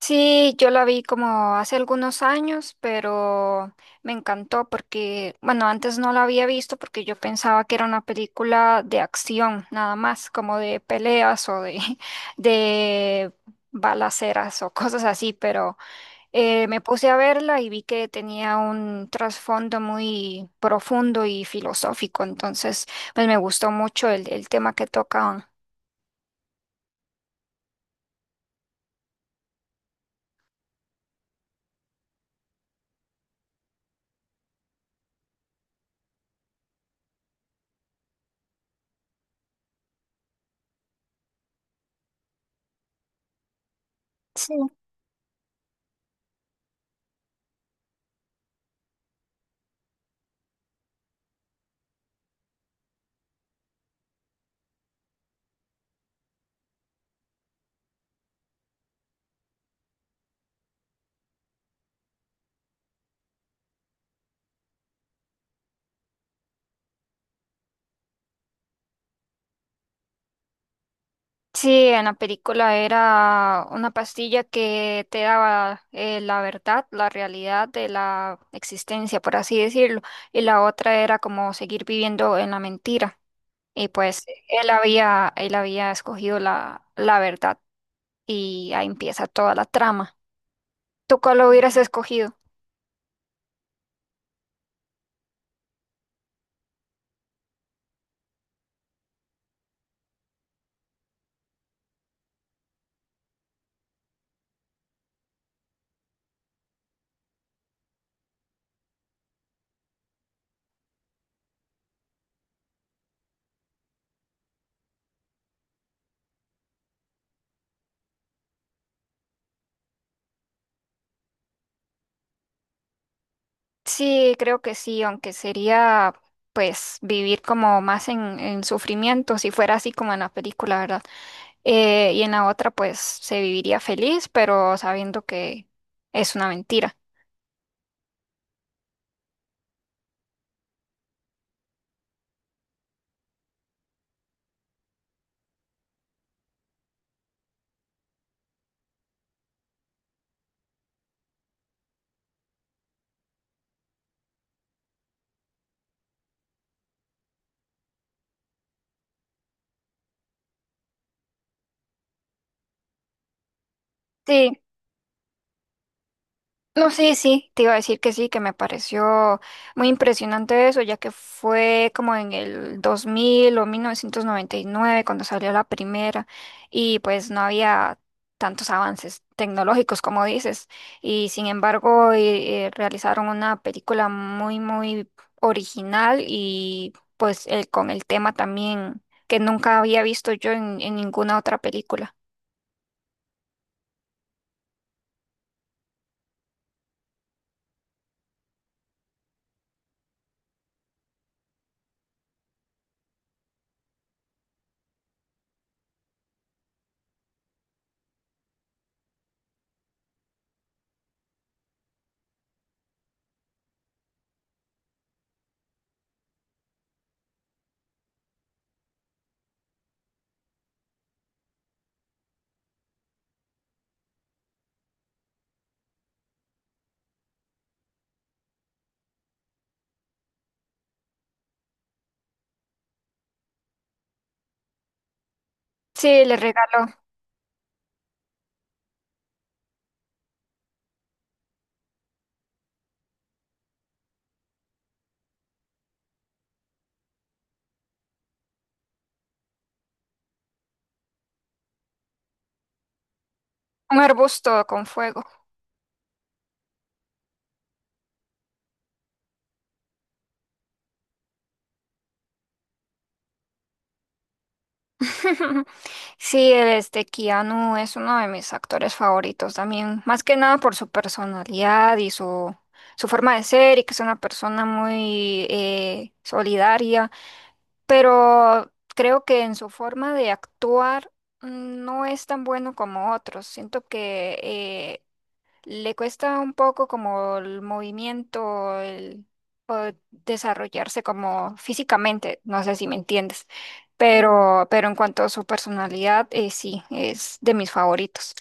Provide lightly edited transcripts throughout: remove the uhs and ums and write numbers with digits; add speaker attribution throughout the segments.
Speaker 1: Sí, yo la vi como hace algunos años, pero me encantó porque, bueno, antes no la había visto porque yo pensaba que era una película de acción, nada más, como de peleas de balaceras o cosas así, pero me puse a verla y vi que tenía un trasfondo muy profundo y filosófico, entonces, pues me gustó mucho el tema que tocaban. Sí. Sí, en la película era una pastilla que te daba la verdad, la realidad de la existencia, por así decirlo, y la otra era como seguir viviendo en la mentira. Y pues él había escogido la verdad y ahí empieza toda la trama. ¿Tú cuál hubieras escogido? Sí, creo que sí, aunque sería pues vivir como más en sufrimiento, si fuera así como en la película, ¿verdad? Y en la otra pues se viviría feliz, pero sabiendo que es una mentira. Sí. No, sí, sí, te iba a decir que sí, que me pareció muy impresionante eso, ya que fue como en el 2000 o 1999 cuando salió la primera y pues no había tantos avances tecnológicos como dices y sin embargo realizaron una película muy, muy original y pues con el tema también que nunca había visto yo en ninguna otra película. Sí, le regaló un arbusto con fuego. Sí, este Keanu es uno de mis actores favoritos también, más que nada por su personalidad y su forma de ser y que es una persona muy solidaria, pero creo que en su forma de actuar mm, no es tan bueno como otros. Siento que le cuesta un poco como el movimiento, el o desarrollarse como físicamente, no sé si me entiendes, pero en cuanto a su personalidad, sí, es de mis favoritos.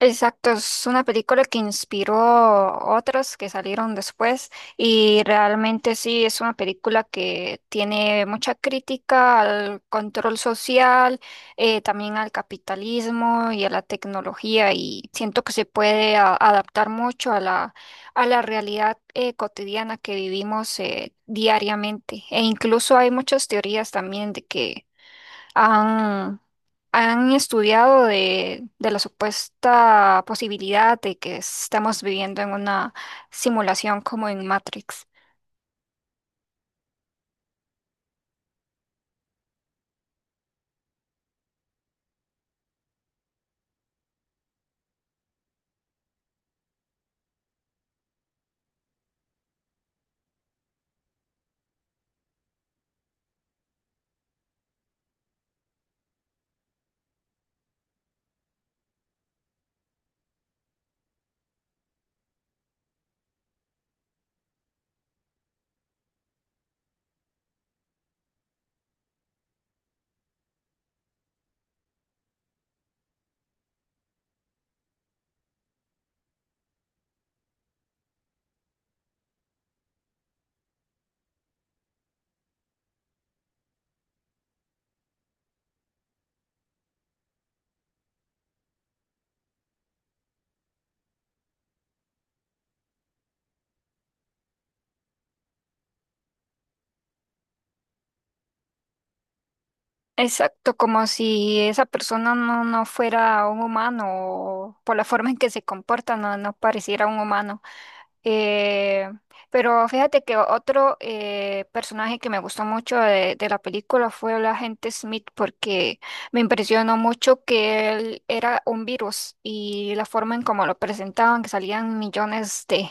Speaker 1: Exacto, es una película que inspiró otras que salieron después y realmente sí es una película que tiene mucha crítica al control social, también al capitalismo y a la tecnología y siento que se puede adaptar mucho a a la realidad cotidiana que vivimos diariamente e incluso hay muchas teorías también de que han, han estudiado de la supuesta posibilidad de que estamos viviendo en una simulación como en Matrix. Exacto, como si esa persona no fuera un humano o por la forma en que se comporta no pareciera un humano. Eh, pero fíjate que otro personaje que me gustó mucho de la película fue el agente Smith porque me impresionó mucho que él era un virus y la forma en cómo lo presentaban, que salían millones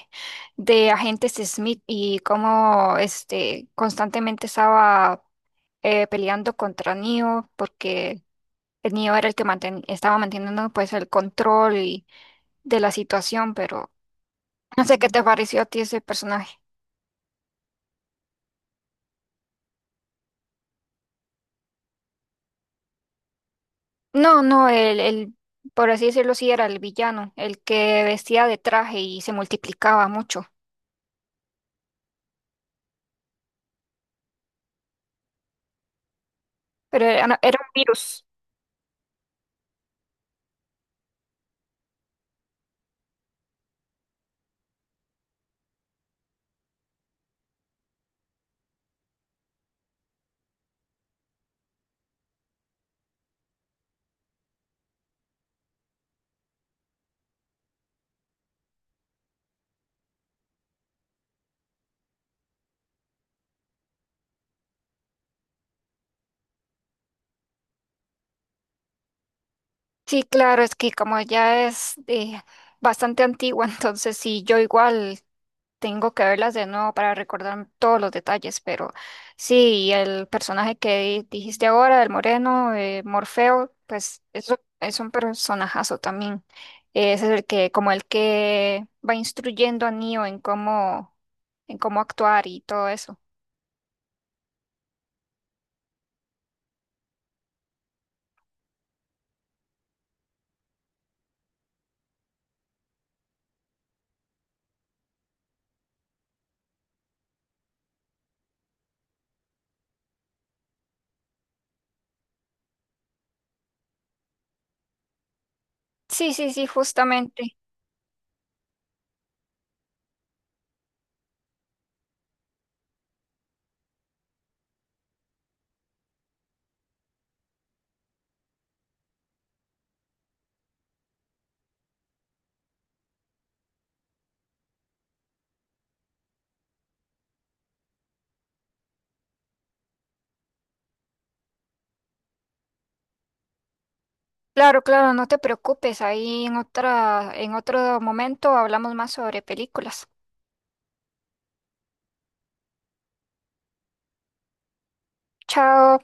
Speaker 1: de agentes Smith y cómo este, constantemente estaba peleando contra Neo porque el Neo era el que estaba manteniendo pues el control de la situación, pero no sé qué te pareció a ti ese personaje. No, no, el, por así decirlo, sí era el villano, el que vestía de traje y se multiplicaba mucho, pero era, no, era un virus. Sí, claro, es que como ya es bastante antigua, entonces sí, yo igual. Tengo que verlas de nuevo para recordar todos los detalles, pero sí, el personaje que dijiste ahora, el moreno, Morfeo, pues eso es un personajazo también. Ese es el que, como el que va instruyendo a Neo en cómo actuar y todo eso. Sí, sí, sí, justamente. Claro, claro, no te preocupes. Ahí en otra, en otro momento hablamos más sobre películas. Chao.